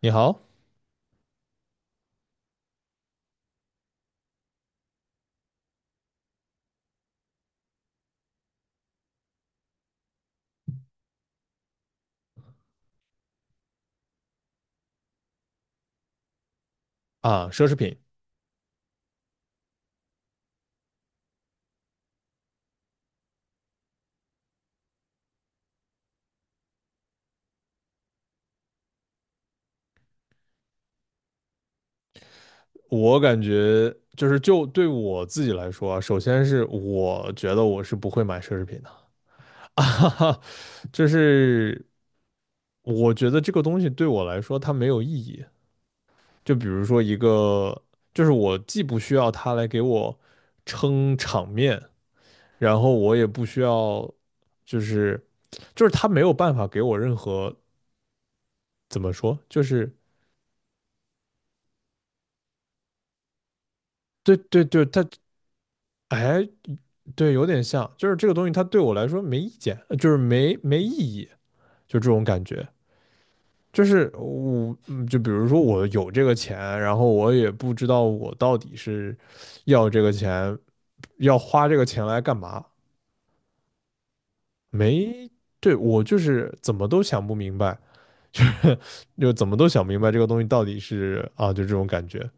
你好。啊，奢侈品。我感觉就对我自己来说啊，首先是我觉得我是不会买奢侈品的 啊哈哈，就是我觉得这个东西对我来说它没有意义。就比如说一个，就是我既不需要它来给我撑场面，然后我也不需要。就是就是它没有办法给我任何怎么说，就是对对对，它哎，对，有点像，就是这个东西它对我来说没意见，就是没意义，就这种感觉。就是我，就比如说我有这个钱，然后我也不知道我到底是要这个钱，要花这个钱来干嘛？没，对，我就是怎么都想不明白。就是就怎么都想不明白这个东西到底是啊，就这种感觉。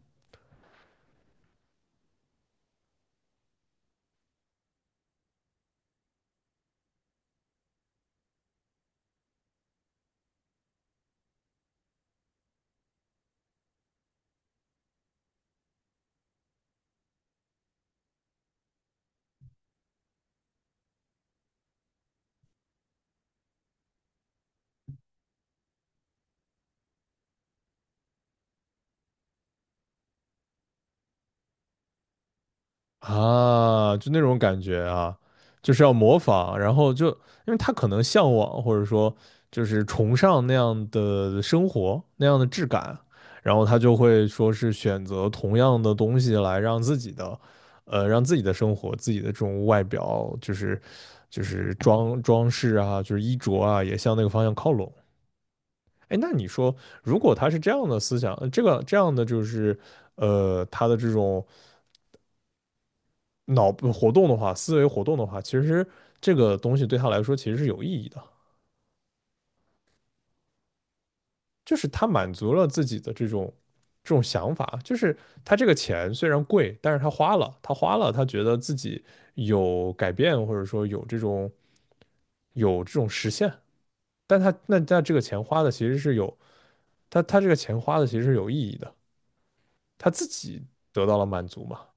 啊，就那种感觉啊，就是要模仿，然后就因为他可能向往或者说就是崇尚那样的生活，那样的质感，然后他就会说是选择同样的东西来让自己的，让自己的生活、自己的这种外表，就是装饰啊，就是衣着啊，也向那个方向靠拢。哎，那你说，如果他是这样的思想，这个这样的就是，他的这种。脑部活动的话，思维活动的话，其实这个东西对他来说其实是有意义的，就是他满足了自己的这种想法，就是他这个钱虽然贵，但是他花了，他觉得自己有改变，或者说有这种实现，但他那他这个钱花的其实是有他这个钱花的其实是有意义的，他自己得到了满足嘛。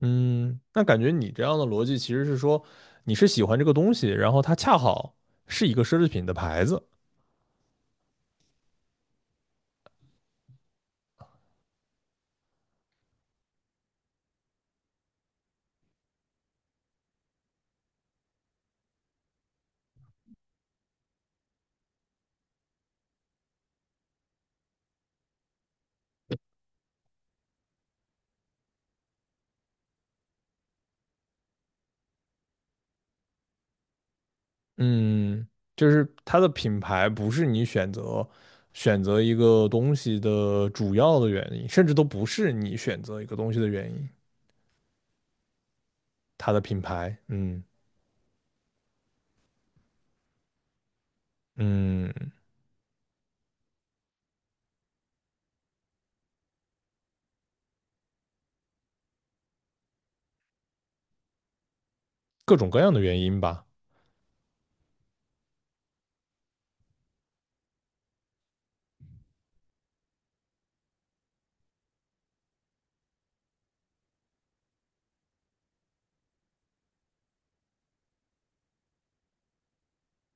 嗯，那感觉你这样的逻辑其实是说，你是喜欢这个东西，然后它恰好是一个奢侈品的牌子。嗯，就是它的品牌不是你选择一个东西的主要的原因，甚至都不是你选择一个东西的原因，它的品牌，嗯，各种各样的原因吧。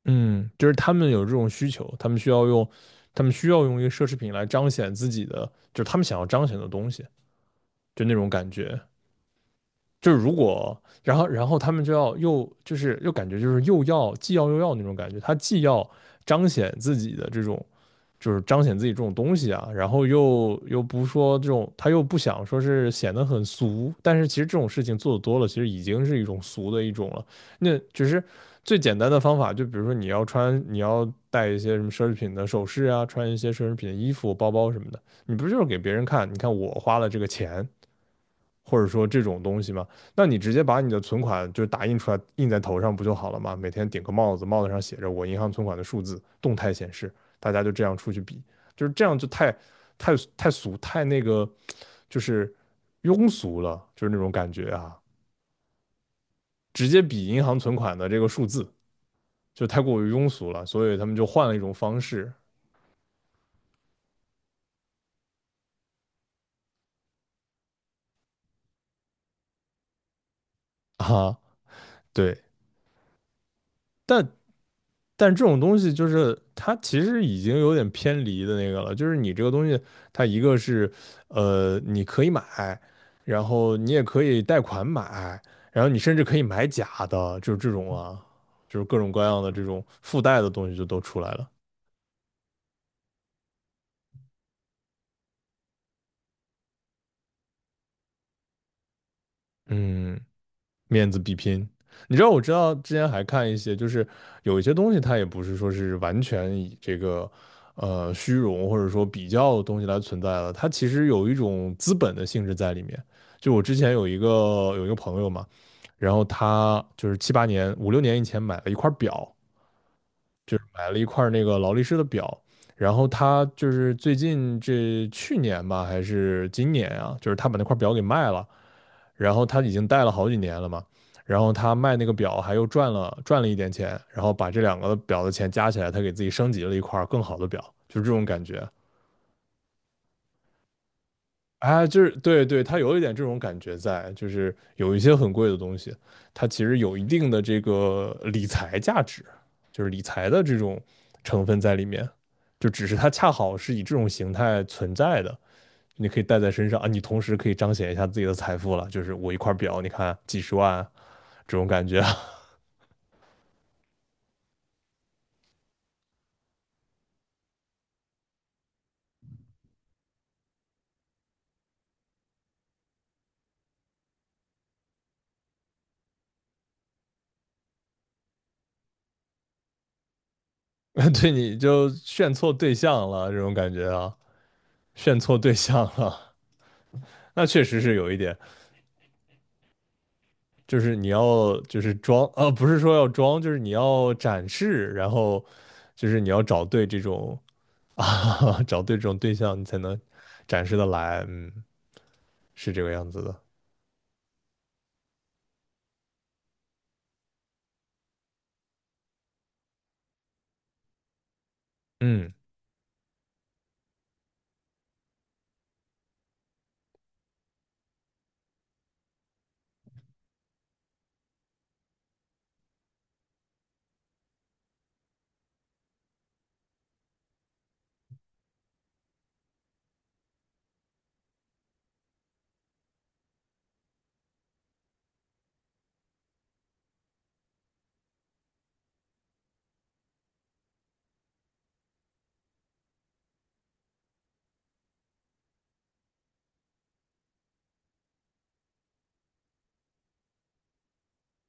嗯，就是他们有这种需求，他们需要用，他们需要用一个奢侈品来彰显自己的，就是他们想要彰显的东西，就那种感觉，就是如果，然后他们就要又就是又感觉就是又要既要又要那种感觉，他既要彰显自己的这种就是彰显自己这种东西啊，然后又不说这种，他又不想说是显得很俗，但是其实这种事情做的多了，其实已经是一种俗的一种了。那只是最简单的方法，就比如说你要穿，你要带一些什么奢侈品的首饰啊，穿一些奢侈品的衣服、包包什么的，你不就是给别人看？你看我花了这个钱，或者说这种东西嘛，那你直接把你的存款就打印出来印在头上不就好了吗？每天顶个帽子，帽子上写着我银行存款的数字，动态显示，大家就这样出去比，就是这样就太太太俗太那个，就是庸俗了，就是那种感觉啊，直接比银行存款的这个数字就太过于庸俗了，所以他们就换了一种方式啊，对，但但这种东西就是它其实已经有点偏离的那个了，就是你这个东西，它一个是你可以买，然后你也可以贷款买，然后你甚至可以买假的，就是这种啊，就是各种各样的这种附带的东西就都出来了。嗯面子比拼。你知道，我知道之前还看一些，就是有一些东西，它也不是说是完全以这个虚荣或者说比较的东西来存在的，它其实有一种资本的性质在里面。就我之前有一个朋友嘛，然后他就是七八年五六年以前买了一块表，就是买了一块那个劳力士的表，然后他就是最近这去年吧还是今年啊，就是他把那块表给卖了。然后他已经戴了好几年了嘛，然后他卖那个表还又赚了一点钱，然后把这两个表的钱加起来，他给自己升级了一块更好的表，就是这种感觉。哎，就是对对，他有一点这种感觉在，就是有一些很贵的东西，它其实有一定的这个理财价值，就是理财的这种成分在里面，就只是它恰好是以这种形态存在的。你可以带在身上啊，你同时可以彰显一下自己的财富了，就是我一块表，你看几十万啊，这种感觉。对你就炫错对象了，这种感觉啊，炫错对象了。那确实是有一点，就是你要就是装，不是说要装，就是你要展示，然后就是你要找对这种 啊，找对这种对象，你才能展示的来。嗯，是这个样子的。嗯，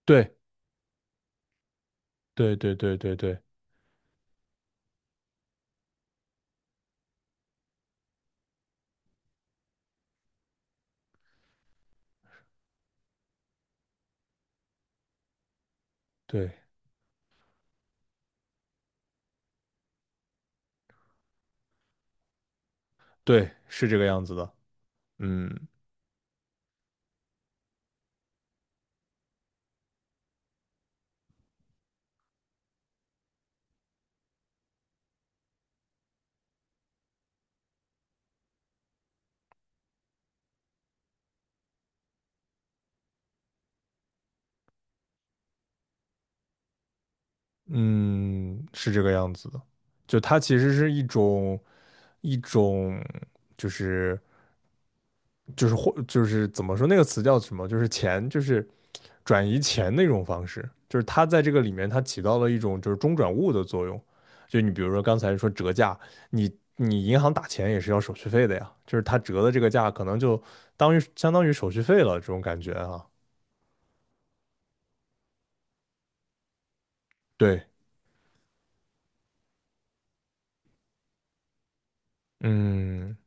对，对对对对对对对，是这个样子的。嗯嗯，是这个样子的。就它其实是一种就是就是或就是怎么说那个词叫什么？就是钱，就是转移钱的一种方式，就是它在这个里面它起到了一种就是中转物的作用。就你比如说刚才说折价，你你银行打钱也是要手续费的呀，就是它折的这个价可能就当于相当于手续费了这种感觉啊。对，嗯，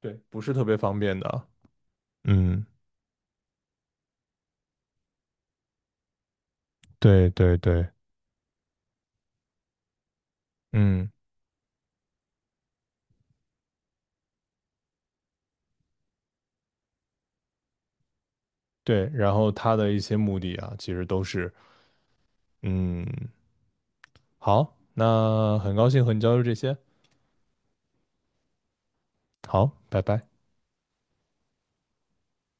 对，不是特别方便的。嗯，对对对，嗯对，然后它的一些目的啊，其实都是嗯好，那很高兴和你交流这些。好，拜拜。